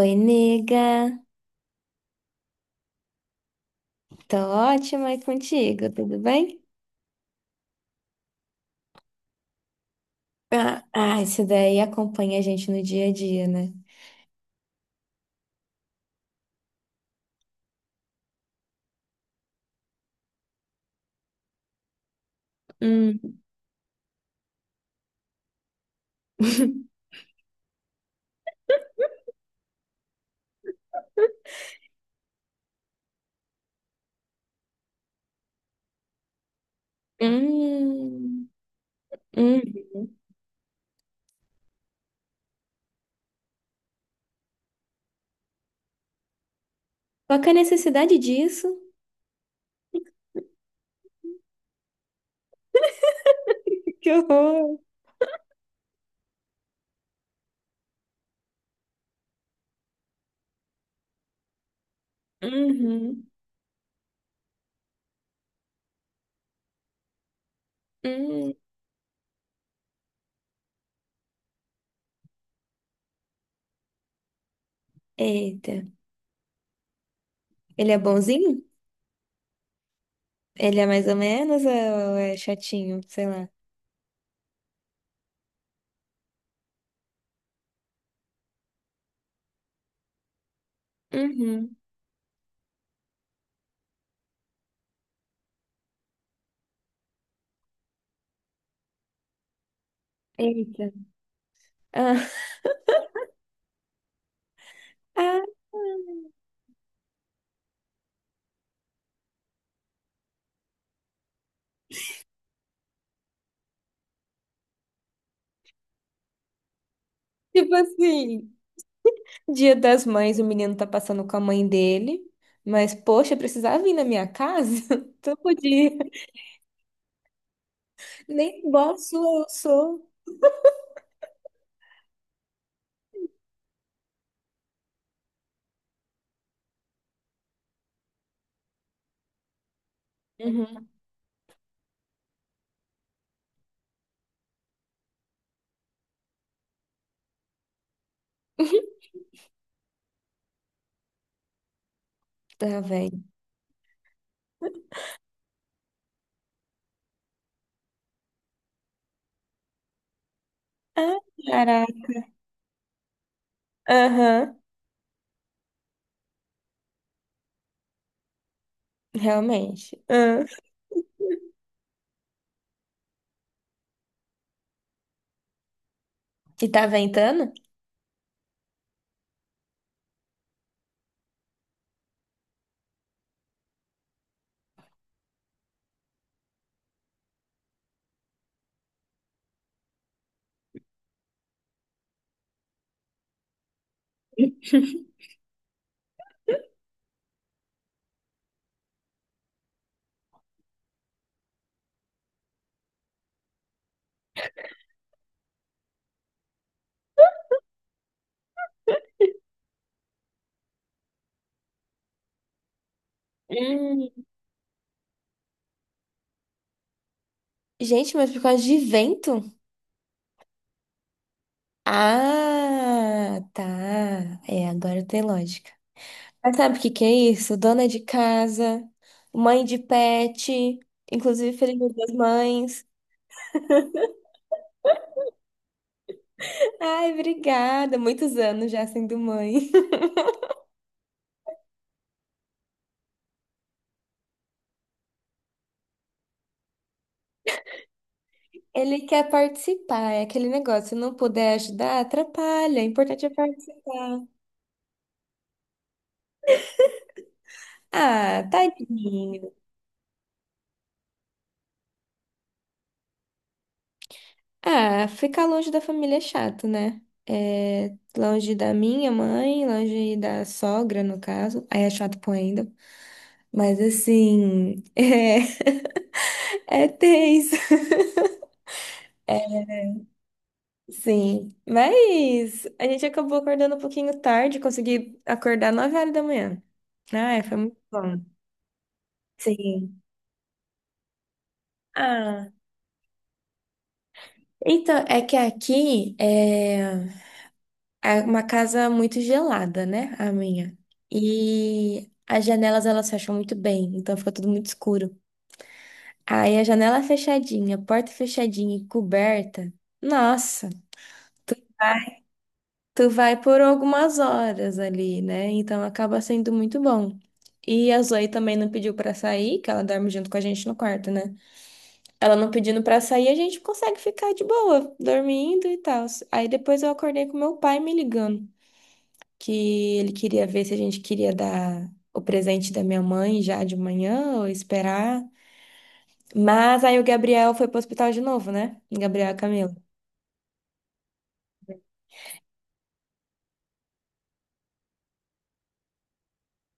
Oi, nega. Tô ótima e contigo, tudo bem? Ah, ah, isso daí acompanha a gente no dia a dia, né? Hum. Hum. Uhum. Qual que é a necessidade disso? Que horror! Uhum. Hum. Eita. Ele é bonzinho? Ele é mais ou menos ou é chatinho? Sei lá. Uhum. Eita. Ah, ah, tipo assim. Dia das Mães, o menino tá passando com a mãe dele, mas poxa, precisava vir na minha casa? Então podia. Nem boss eu sou. Uhum. Tá vendo? Ah, caraca. Aham, realmente. Ah. E tá ventando? Hum. Gente, mas por causa de vento? Ah, tá. É, agora tem lógica. Mas sabe o que que é isso? Dona de casa, mãe de pet, inclusive feliz Dia das Mães. Ai, obrigada. Muitos anos já sendo mãe. Ele quer participar, é aquele negócio. Se não puder ajudar, atrapalha. O importante é participar. Ah, tadinho. Ah, ficar longe da família é chato, né? É, longe da minha mãe, longe da sogra, no caso. Aí é chato pô ainda. Mas assim, é tenso. Sim, mas a gente acabou acordando um pouquinho tarde, consegui acordar 9 horas da manhã. Ai, foi muito bom. Sim. Ah, então, é que aqui é uma casa muito gelada, né? A minha. E as janelas, elas fecham muito bem, então fica tudo muito escuro. Aí a janela fechadinha, a porta fechadinha e coberta, nossa, Ai. Tu vai por algumas horas ali, né? Então acaba sendo muito bom. E a Zoe também não pediu pra sair, que ela dorme junto com a gente no quarto, né? Ela não pedindo pra sair, a gente consegue ficar de boa, dormindo e tal. Aí depois eu acordei com meu pai me ligando, que ele queria ver se a gente queria dar o presente da minha mãe já de manhã ou esperar. Mas aí o Gabriel foi pro hospital de novo, né? O Gabriel e a Camila.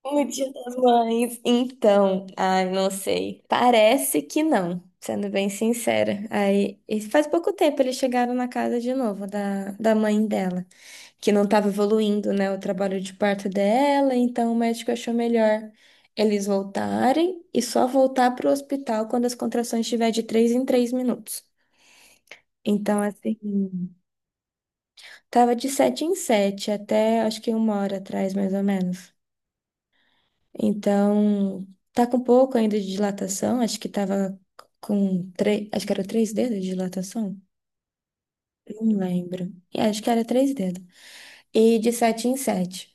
No Dia das Mães. Então, ai, não sei. Parece que não, sendo bem sincera. Aí, e faz pouco tempo eles chegaram na casa de novo da mãe dela, que não estava evoluindo, né, o trabalho de parto dela, então o médico achou melhor eles voltarem e só voltar para o hospital quando as contrações estiver de 3 em 3 minutos. Então, assim, tava de 7 em 7 até acho que uma hora atrás, mais ou menos. Então, tá com pouco ainda de dilatação, acho que tava com três, acho que era três dedos de dilatação, não lembro. É, acho que era três dedos. E de 7 em 7.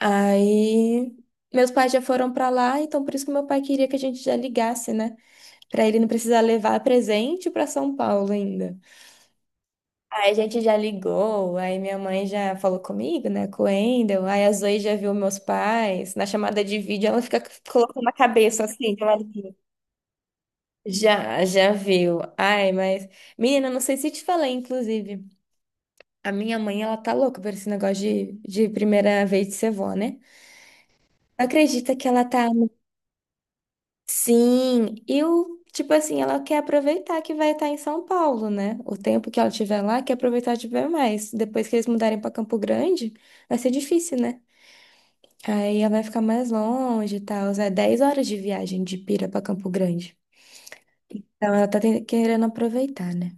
Aí, meus pais já foram pra lá, então por isso que meu pai queria que a gente já ligasse, né? Pra ele não precisar levar presente pra São Paulo ainda. Aí a gente já ligou, aí minha mãe já falou comigo, né, com o Wendel, aí a Zoe já viu meus pais, na chamada de vídeo ela fica colocando a cabeça assim, de lado. Já, já viu. Ai, mas. Menina, não sei se te falei, inclusive. A minha mãe, ela tá louca por esse negócio de primeira vez de ser vó, né? Acredita que ela tá. Sim, eu. Tipo assim, ela quer aproveitar que vai estar em São Paulo, né? O tempo que ela tiver lá, quer aproveitar de ver mais. Depois que eles mudarem pra Campo Grande, vai ser difícil, né? Aí ela vai ficar mais longe e tal. É 10 horas de viagem de Pira pra Campo Grande. Então, ela tá ten- querendo aproveitar, né?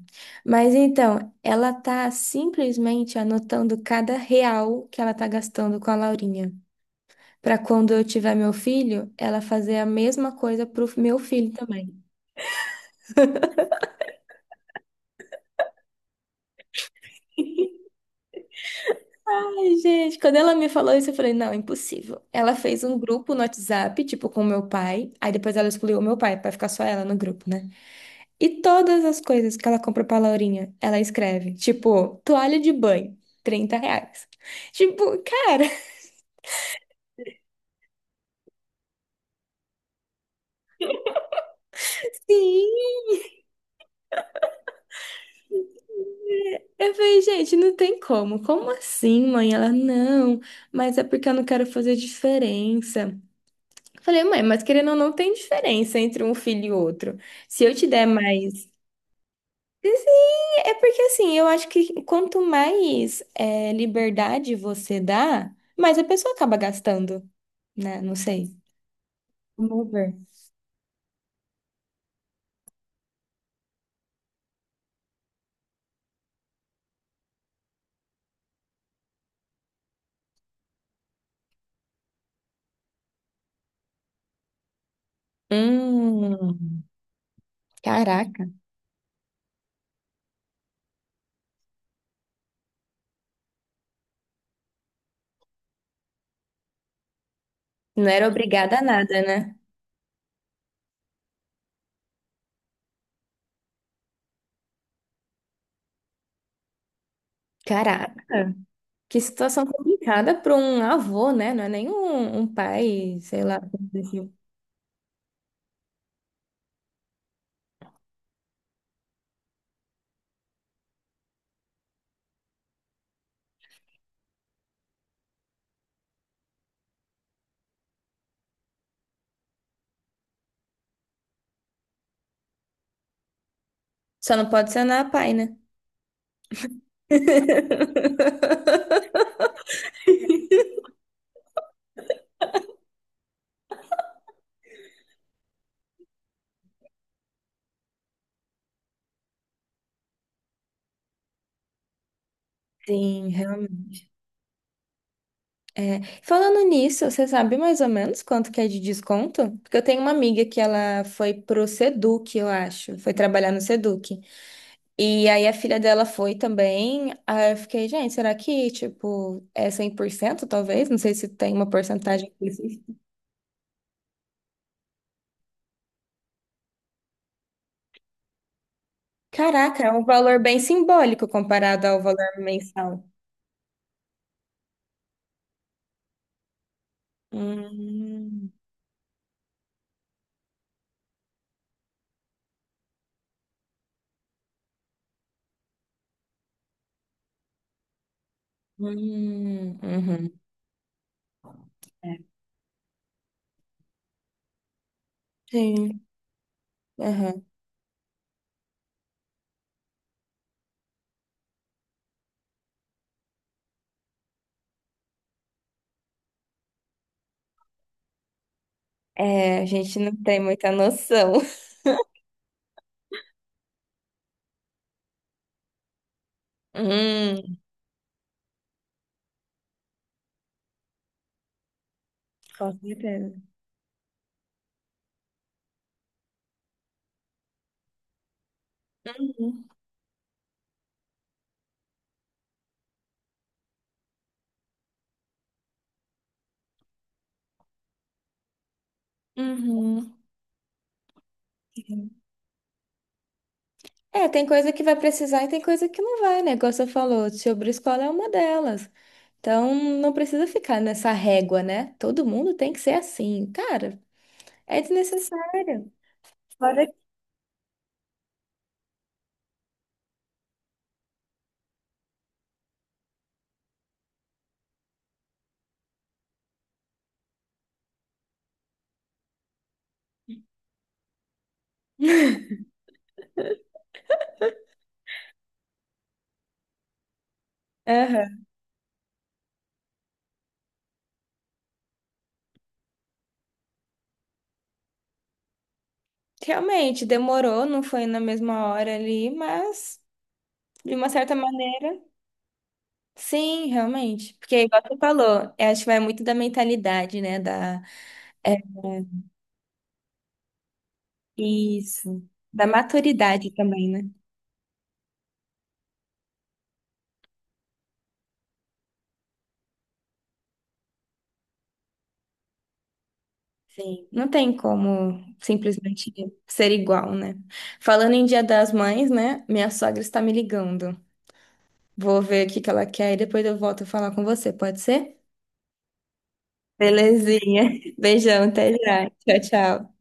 Mas então, ela tá simplesmente anotando cada real que ela tá gastando com a Laurinha, pra quando eu tiver meu filho, ela fazer a mesma coisa pro meu filho também. Ai, gente, quando ela me falou isso, eu falei, não, impossível. Ela fez um grupo no WhatsApp, tipo, com meu pai, aí depois ela excluiu o meu pai pra ficar só ela no grupo, né? E todas as coisas que ela compra pra Laurinha, ela escreve, tipo, toalha de banho, R$ 30. Tipo, cara, sim, eu falei, gente, não tem como. Como assim, mãe? Ela, não, mas é porque eu não quero fazer diferença. Eu falei, mãe, mas querendo ou não, tem diferença entre um filho e outro. Se eu te der mais. Assim, é porque assim, eu acho que quanto mais é, liberdade você dá, mais a pessoa acaba gastando, né? Não sei. Vamos ver. Hum, caraca. Não era obrigada a nada, né? Caraca. Que situação complicada para um avô, né? Não é nem um, um pai, sei lá. Só não pode ser na pai, né? Sim, realmente. É, falando nisso, você sabe mais ou menos quanto que é de desconto? Porque eu tenho uma amiga que ela foi pro Seduc, eu acho. Foi trabalhar no Seduc. E aí a filha dela foi também. Aí eu fiquei, gente, será que, tipo, é 100%, talvez? Não sei se tem uma porcentagem específica. Caraca, é um valor bem simbólico comparado ao valor mensal. Hum, uhum. É. Sim, aham. É, a gente não tem muita noção. Hum, com certeza. Uhum. Uhum. Sim. É, tem coisa que vai precisar e tem coisa que não vai, né? Como você falou, sobre escola é uma delas. Então, não precisa ficar nessa régua, né? Todo mundo tem que ser assim. Cara, é desnecessário. Fora que- Aham. Realmente, demorou, não foi na mesma hora ali, mas, de uma certa maneira. Sim, realmente. Porque, igual você falou, eu acho que vai muito da mentalidade, né? Da, é, isso. Da maturidade também, né? Sim. Não tem como simplesmente ser igual, né? Falando em Dia das Mães, né? Minha sogra está me ligando. Vou ver o que que ela quer e depois eu volto a falar com você, pode ser? Belezinha. Beijão, até já. Tchau, tchau.